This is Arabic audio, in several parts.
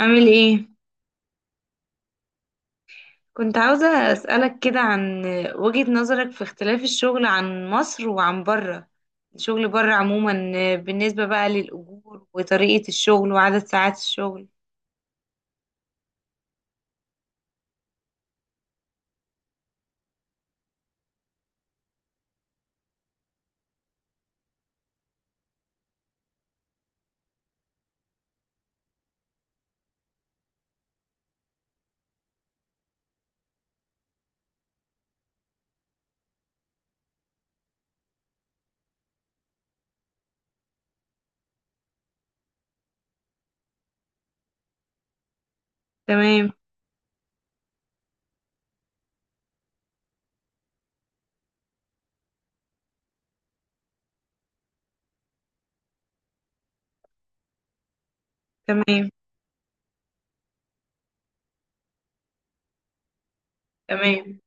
عامل ايه؟ كنت عاوزة أسألك كده عن وجهة نظرك في اختلاف الشغل عن مصر وعن بره. الشغل بره عموما، بالنسبة بقى للأجور وطريقة الشغل وعدد ساعات الشغل. تمام. تمام. تمام.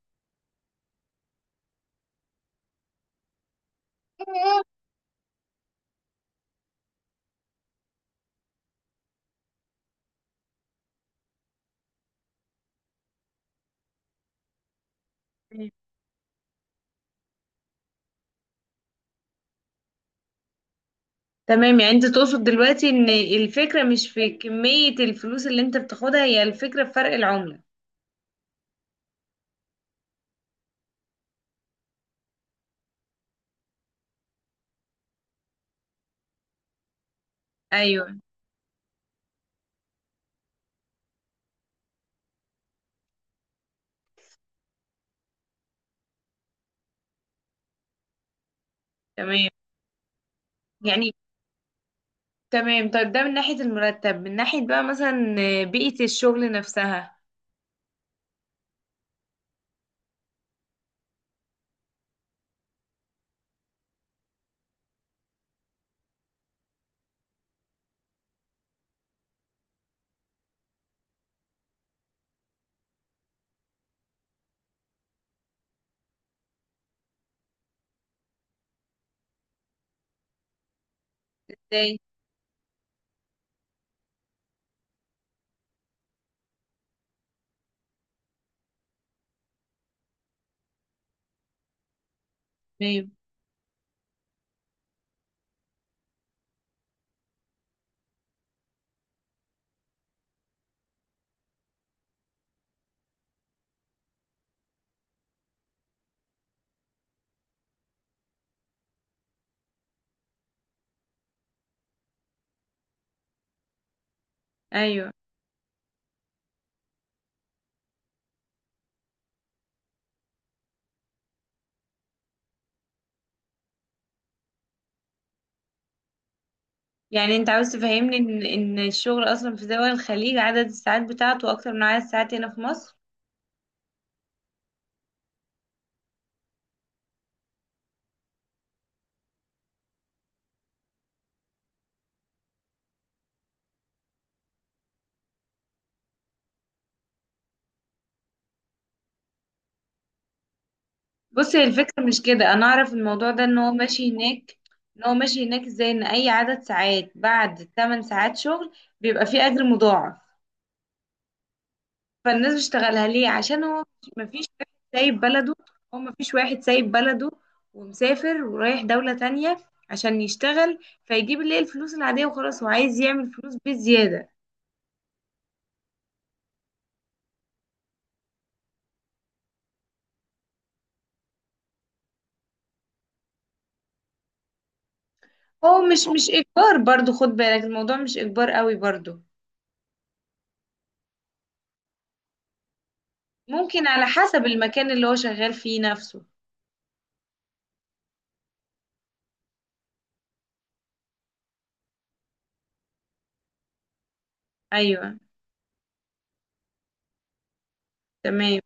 تمام. يعني انت تقصد دلوقتي ان الفكرة مش في كمية الفلوس اللي انت بتاخدها، هي الفكرة في فرق العملة. ايوه. تمام، يعني تمام. طيب ده من ناحية المرتب، من ناحية بقى مثلا بيئة الشغل نفسها. ازاي؟ ايوه. يعني انت عاوز تفهمني ان الشغل اصلا في دول الخليج عدد الساعات بتاعته اكتر من عدد الساعات هنا في مصر. بص، هي الفكره مش كده، انا اعرف الموضوع ده ان هو ماشي هناك. ان هو ماشي هناك ازاي، ان اي عدد ساعات بعد 8 ساعات شغل بيبقى فيه اجر مضاعف. فالناس بتشتغلها ليه؟ عشان هو مفيش واحد سايب بلده. هو مفيش واحد سايب بلده ومسافر ورايح دوله تانية عشان يشتغل، فيجيب اللي هي الفلوس العاديه، وخلاص هو عايز يعمل فلوس بالزياده. هو مش اجبار برضو، خد بالك الموضوع مش اجبار قوي برضو. ممكن على حسب المكان اللي هو شغال فيه نفسه. ايوه. تمام.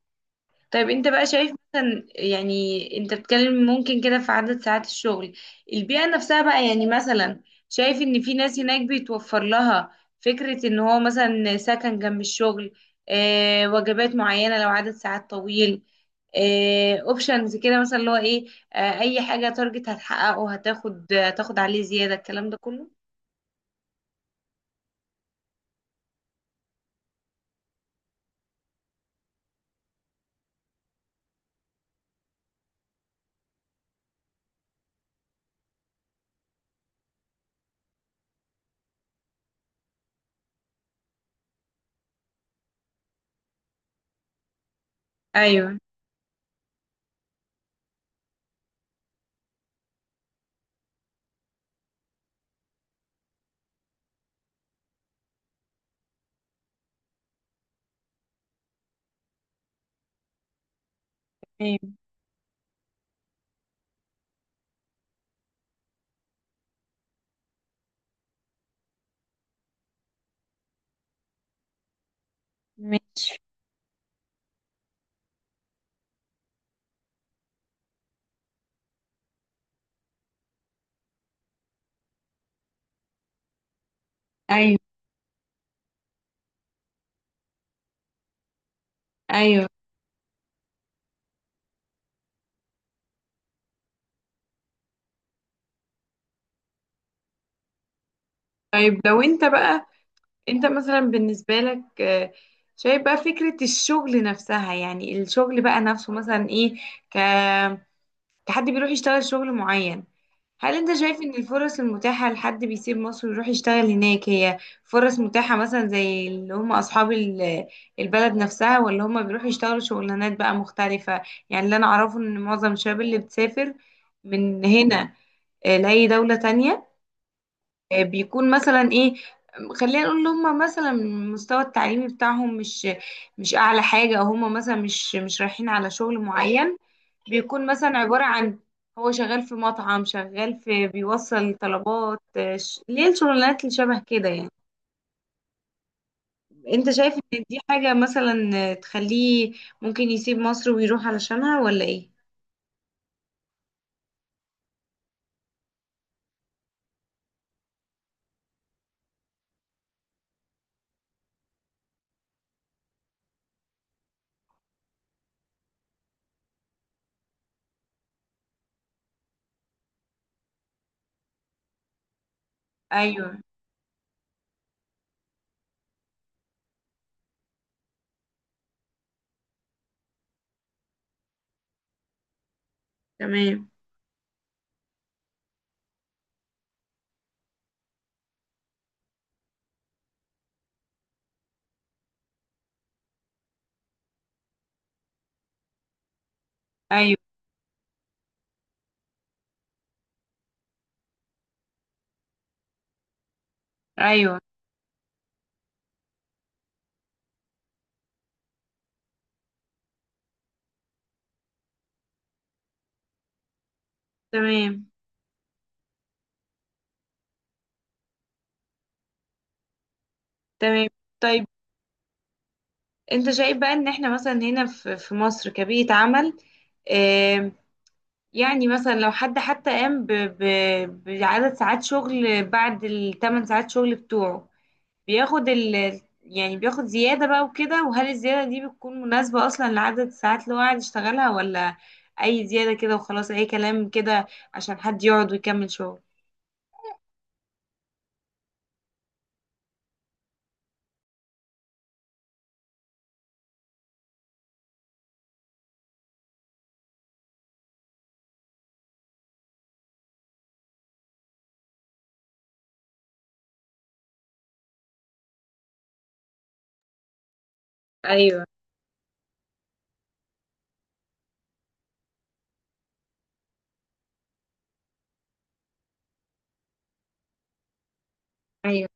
طيب انت بقى شايف مثلا، يعني انت بتتكلم ممكن كده في عدد ساعات الشغل. البيئة نفسها بقى يعني مثلا، شايف ان في ناس هناك بيتوفر لها فكرة ان هو مثلا سكن جنب الشغل، وجبات معينة لو عدد ساعات طويل، اوبشنز كده مثلا اللي هو ايه. اي حاجة تارجت هتحققه، هتاخد عليه زيادة، الكلام ده كله. ايوه. ايوه. ماشي. ايوه. ايوه. طيب لو انت بقى، انت مثلا بالنسبة لك، شايف بقى فكرة الشغل نفسها، يعني الشغل بقى نفسه مثلا ايه. ك... كحد بيروح يشتغل شغل معين، هل انت شايف ان الفرص المتاحة لحد بيسيب مصر ويروح يشتغل هناك هي فرص متاحة مثلا زي اللي هم اصحاب البلد نفسها، ولا هم بيروحوا يشتغلوا شغلانات بقى مختلفة؟ يعني اللي انا اعرفه ان معظم الشباب اللي بتسافر من هنا لأي دولة تانية، بيكون مثلا ايه، خلينا نقول ان هم مثلا المستوى التعليمي بتاعهم مش اعلى حاجه، او هم مثلا مش رايحين على شغل معين، بيكون مثلا عباره عن هو شغال في مطعم، شغال في بيوصل طلبات، ليه الشغلانات اللي شبه كده يعني. انت شايف ان دي حاجه مثلا، تخليه ممكن يسيب مصر ويروح علشانها ولا ايه؟ ايوه. تمام. ايوه. ايوه. تمام. تمام. طيب انت شايف بقى ان احنا مثلا هنا في مصر كبيئة عمل، آم، يعني مثلا لو حد حتى قام بعدد ساعات شغل بعد الثمان ساعات شغل بتوعه، بياخد ال يعني بياخد زيادة بقى وكده، وهل الزيادة دي بتكون مناسبة أصلا لعدد الساعات اللي هو قاعد يشتغلها، ولا أي زيادة كده وخلاص، أي كلام كده عشان حد يقعد ويكمل شغل؟ ايوه. ايوه.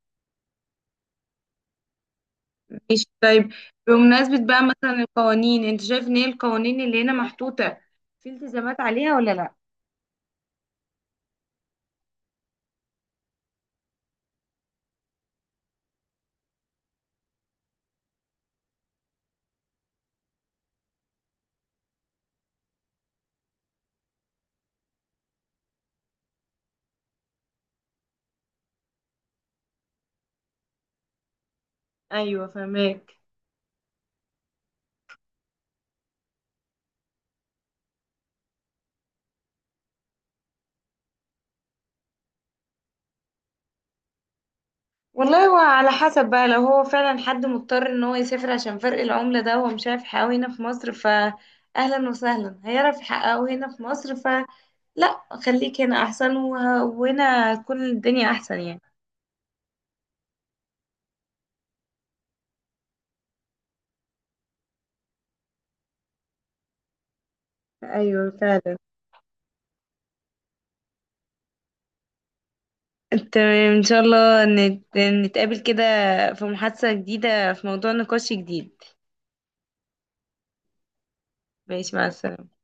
ماشي. طيب بمناسبة بقى مثلا القوانين، انت شايف ان هي القوانين اللي هنا محطوطة في التزامات عليها ولا لا؟ ايوه فهماك. والله هو على حسب بقى، لو هو فعلا حد مضطر ان هو يسافر عشان فرق العملة ده هو مش عارف يحققه هنا في مصر فأهلا وسهلا، هيعرف يحققه هنا في مصر فلا، خليك هنا احسن، وهنا تكون الدنيا احسن يعني. ايوه فعلا. تمام ان شاء الله، نتقابل كده في محادثة جديدة، في موضوع نقاش جديد. ماشي، مع السلامة.